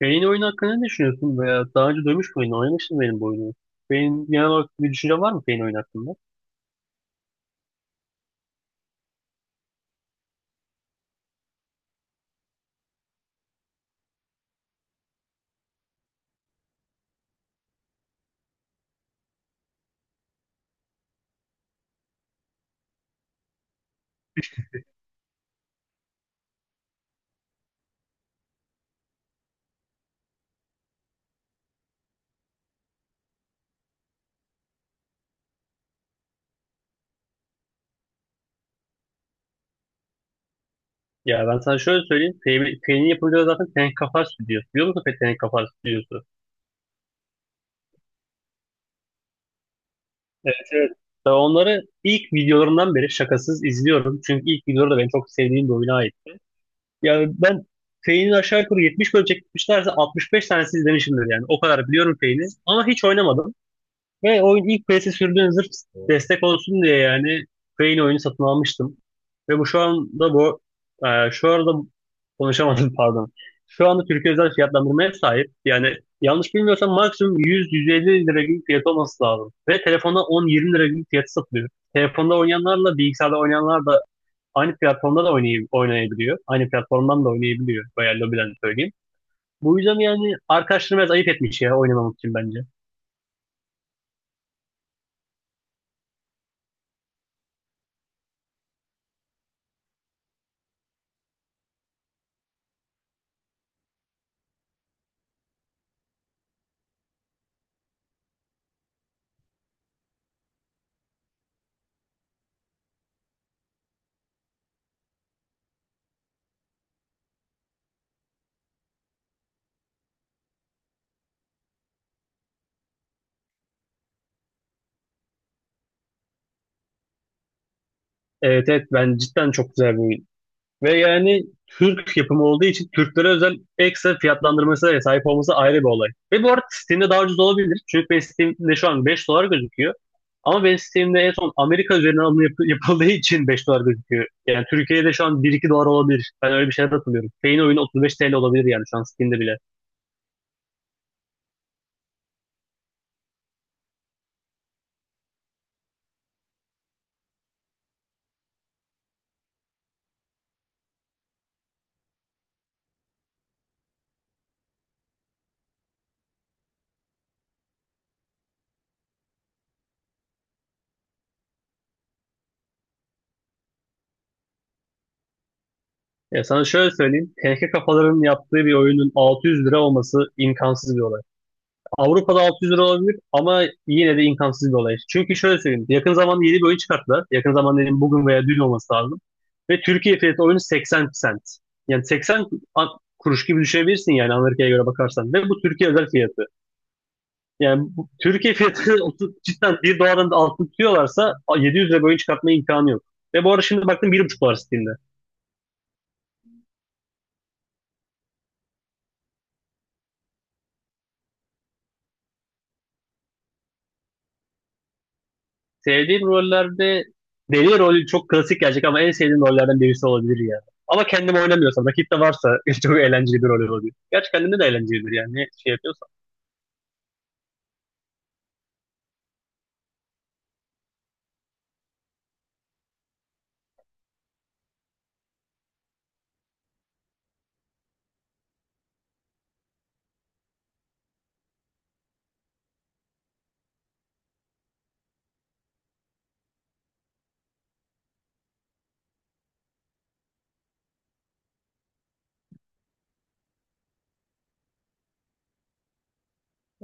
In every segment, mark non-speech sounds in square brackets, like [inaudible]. Beyin oyunu hakkında ne düşünüyorsun veya daha önce duymuş muydun? Oynamıştın benim bu oyunu. Beyin genel olarak bir düşünce var mı Pain oyunu hakkında? Ya ben sana şöyle söyleyeyim. Pain'in yapımcıları zaten Tenek Kafar Stüdyosu. Biliyor musun peki Tenek Kafar Stüdyosu? Evet evet. Ben onları ilk videolarından beri şakasız izliyorum. Çünkü ilk videoları da benim çok sevdiğim bir oyuna ait. Yani ben Pain'in aşağı yukarı 70 bölüm çekmişlerse 65 tanesi izlemişimdir yani. O kadar biliyorum Pain'i ama hiç oynamadım. Ve oyun ilk PS'e sürdüğüm zırh destek olsun diye yani Crane oyunu satın almıştım. Ve bu şu anda bu şu arada konuşamadım [laughs] pardon. Şu anda Türkiye özel fiyatlandırmaya sahip. Yani yanlış bilmiyorsam maksimum 100-150 lira gibi fiyat olması lazım. Ve telefonda 10-20 lira gibi fiyatı satılıyor. Telefonda oynayanlarla bilgisayarda oynayanlar da aynı platformda da oynayabiliyor. Aynı platformdan da oynayabiliyor. Veya lobiden söyleyeyim. Bu yüzden yani arkadaşlarım biraz ayıp etmiş ya oynamamak için bence. Evet evet ben cidden çok güzel bir oyun. Ve yani Türk yapımı olduğu için Türklere özel ekstra fiyatlandırmasına da sahip olması ayrı bir olay. Ve bu arada Steam'de daha ucuz olabilir. Çünkü benim Steam'de şu an 5 dolar gözüküyor. Ama benim Steam'de en son Amerika üzerinden alım yapıldığı için 5 dolar gözüküyor. Yani Türkiye'de şu an bir iki dolar olabilir. Ben öyle bir şeyler hatırlıyorum. Payne oyunu 35 TL olabilir yani şu an Steam'de bile. Ya sana şöyle söyleyeyim. TK kafaların yaptığı bir oyunun 600 lira olması imkansız bir olay. Avrupa'da 600 lira olabilir ama yine de imkansız bir olay. Çünkü şöyle söyleyeyim. Yakın zamanda yeni bir oyun çıkarttılar. Yakın zamanda dedim bugün veya dün olması lazım. Ve Türkiye fiyatı oyunu 80 sent. Yani 80 kuruş gibi düşünebilirsin yani Amerika'ya göre bakarsan. Ve bu Türkiye özel fiyatı. Yani bu, Türkiye fiyatı [laughs] 30 cidden bir doların altını tutuyorlarsa 700 lira bir oyun çıkartma imkanı yok. Ve bu arada şimdi baktım 1,5 dolar Steam'de. Sevdiğim rollerde deli rolü çok klasik gelecek ama en sevdiğim rollerden birisi olabilir ya. Ama kendim oynamıyorsam, rakip de varsa [laughs] çok eğlenceli bir rol oluyor. Gerçi kendimde de eğlencelidir yani ne şey yapıyorsam.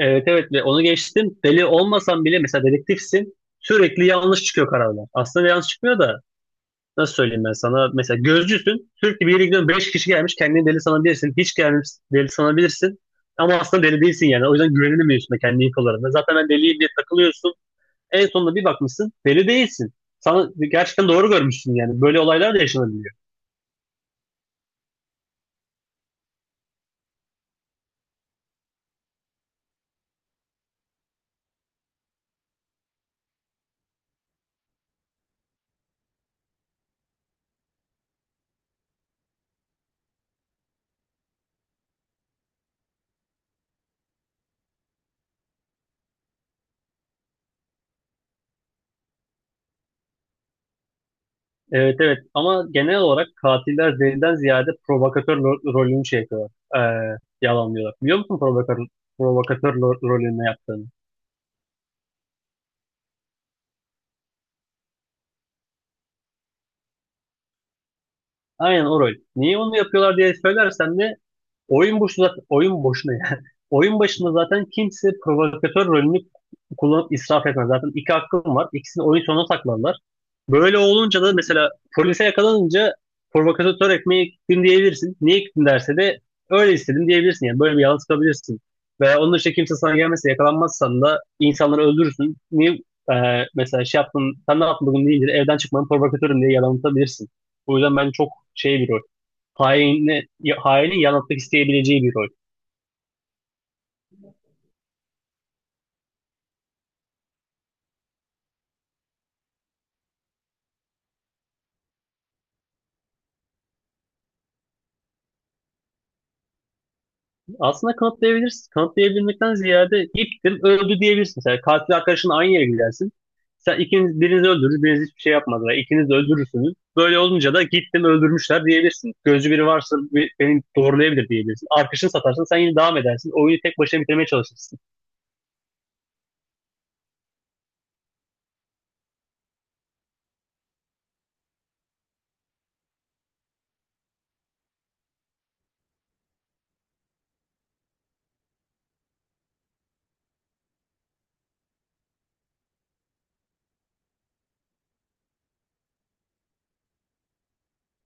Evet evet ve onu geçtim. Deli olmasan bile mesela dedektifsin sürekli yanlış çıkıyor kararlar. Aslında yanlış çıkmıyor da nasıl söyleyeyim ben sana. Mesela gözcüsün sürekli bir yere gidiyorsun 5 kişi gelmiş kendini deli sanabilirsin. Hiç gelmiş deli sanabilirsin. Ama aslında deli değilsin yani. O yüzden güvenilmiyorsun da kendi ilk olarak. Zaten ben deliyim diye takılıyorsun. En sonunda bir bakmışsın deli değilsin. Sana gerçekten doğru görmüşsün yani. Böyle olaylar da yaşanabiliyor. Evet evet ama genel olarak katiller deliden ziyade provokatör rolünü şey yapıyorlar. Ee, Yalanlıyorlar. Biliyor musun provokatör rolünü ne yaptığını? Aynen o rol. Niye onu yapıyorlar diye söylersem de oyun boşuna yani. [laughs] Oyun başında zaten kimse provokatör rolünü kullanıp israf etmez. Zaten iki hakkım var. İkisini oyun sonuna saklarlar. Böyle olunca da mesela polise yakalanınca provokatör ekmeği gittim diyebilirsin. Niye gittin derse de öyle istedim diyebilirsin. Yani böyle bir yalan çıkabilirsin. Veya onun dışında kimse sana gelmezse yakalanmazsan da insanları öldürürsün. Niye mesela şey yaptın, sen ne yaptın bugün deyince de evden çıkmanın provokatörüm diye yalan atabilirsin. O yüzden ben çok şey bir rol. Haini, hainin yalan atmak isteyebileceği bir rol. Aslında kanıtlayabilirsin. Kanıtlayabilmekten ziyade gittin öldü diyebilirsin. Sen katil arkadaşınla aynı yere gidersin. Sen ikiniz birinizi öldürür, biriniz hiçbir şey yapmadı. Yani İkiniz de öldürürsünüz. Böyle olunca da gittim öldürmüşler diyebilirsin. Gözcü biri varsa beni doğrulayabilir diyebilirsin. Arkadaşını satarsın sen yine devam edersin. Oyunu tek başına bitirmeye çalışırsın.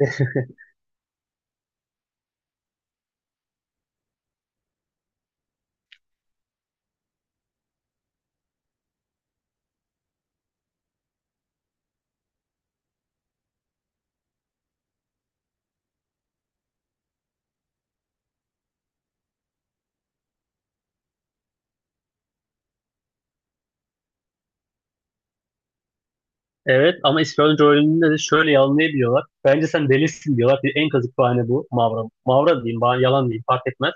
[laughs] Evet ama İspanyolca öğreniminde de şöyle yalanlayabiliyorlar. Bence sen delisin diyorlar. Bir en kazık bahane bu. Mavra. Mavra diyeyim, yalan diyeyim fark etmez.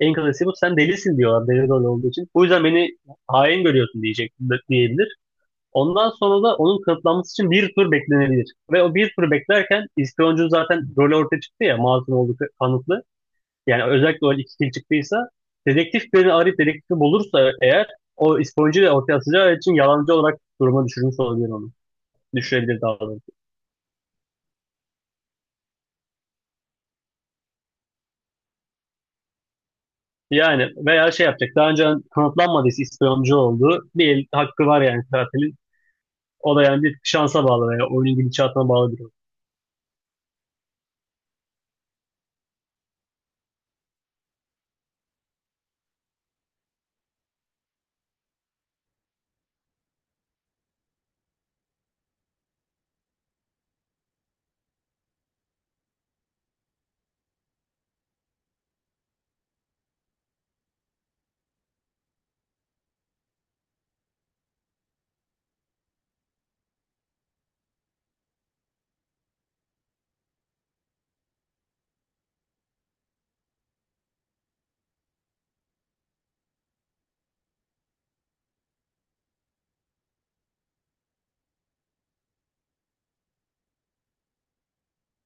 En kazısı bu. Sen delisin diyorlar deli rol olduğu için. Bu yüzden beni hain görüyorsun diyecek diyebilir. Ondan sonra da onun kanıtlanması için bir tur beklenebilir. Ve o bir tur beklerken İspanyolcu zaten rolü ortaya çıktı ya masum olduğu kanıtlı. Yani özellikle o iki kil çıktıysa dedektif beni arayıp dedektifi bulursa eğer o İspanyolcuyu ortaya atacağı için yalancı olarak duruma düşürmüş olabilir onu. Düşürebilir daha doğrusu. Yani veya şey yapacak. Daha önce kanıtlanmadıysa ispiyoncu olduğu bir el hakkı var yani katilin. O da yani bir şansa bağlı veya oyunun gidişatına bağlı bir durum.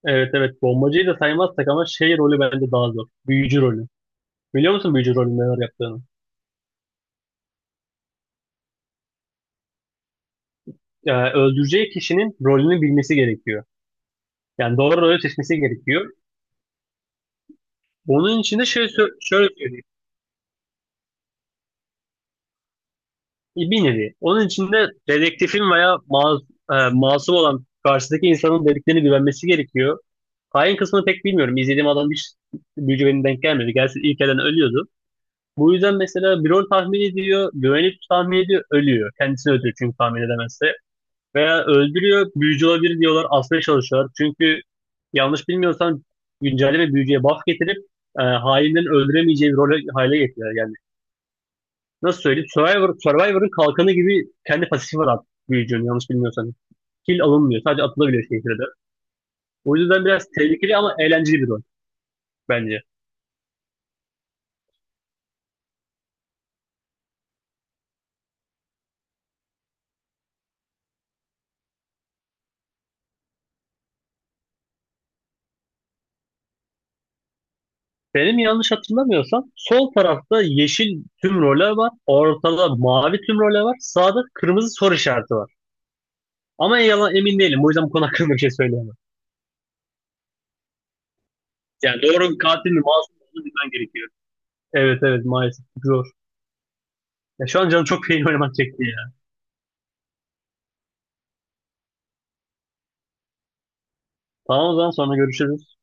Evet evet bombacıyı da saymazsak ama şey rolü bence daha zor. Büyücü rolü. Biliyor musun büyücü rolünün neler yaptığını? Yani öldüreceği kişinin rolünü bilmesi gerekiyor. Yani doğru rolü seçmesi gerekiyor. Onun için de şöyle, şöyle söyleyeyim. Bir nevi. Onun için de dedektifin veya masum olan karşıdaki insanın dediklerine güvenmesi gerekiyor. Hain kısmını pek bilmiyorum. İzlediğim adam hiç büyücü benim denk gelmedi. Gelsin ilk elden ölüyordu. Bu yüzden mesela bir rol tahmin ediyor, güvenip tahmin ediyor, ölüyor. Kendisini öldürüyor çünkü tahmin edemezse. Veya öldürüyor, büyücü olabilir diyorlar, asmaya çalışıyorlar. Çünkü yanlış bilmiyorsan güncelleme büyücüye buff getirip hainlerin öldüremeyeceği bir role hale getiriyor yani. Nasıl söyleyeyim? Survivor'ın kalkanı gibi kendi pasifi var artık büyücünün yanlış bilmiyorsan. Kill alınmıyor. Sadece atılabiliyor şehirde. O yüzden biraz tehlikeli ama eğlenceli bir rol bence. Benim yanlış hatırlamıyorsam sol tarafta yeşil tüm role var. Ortada mavi tüm role var. Sağda kırmızı soru işareti var. Ama yalan emin değilim. O yüzden bu konu hakkında bir şey söyleyemem. Yani doğru katil mi masum mu olduğunu bilmen gerekiyor. Evet evet maalesef zor. Ya şu an canım çok peynir oynamak çekti ya. Tamam o zaman sonra görüşürüz.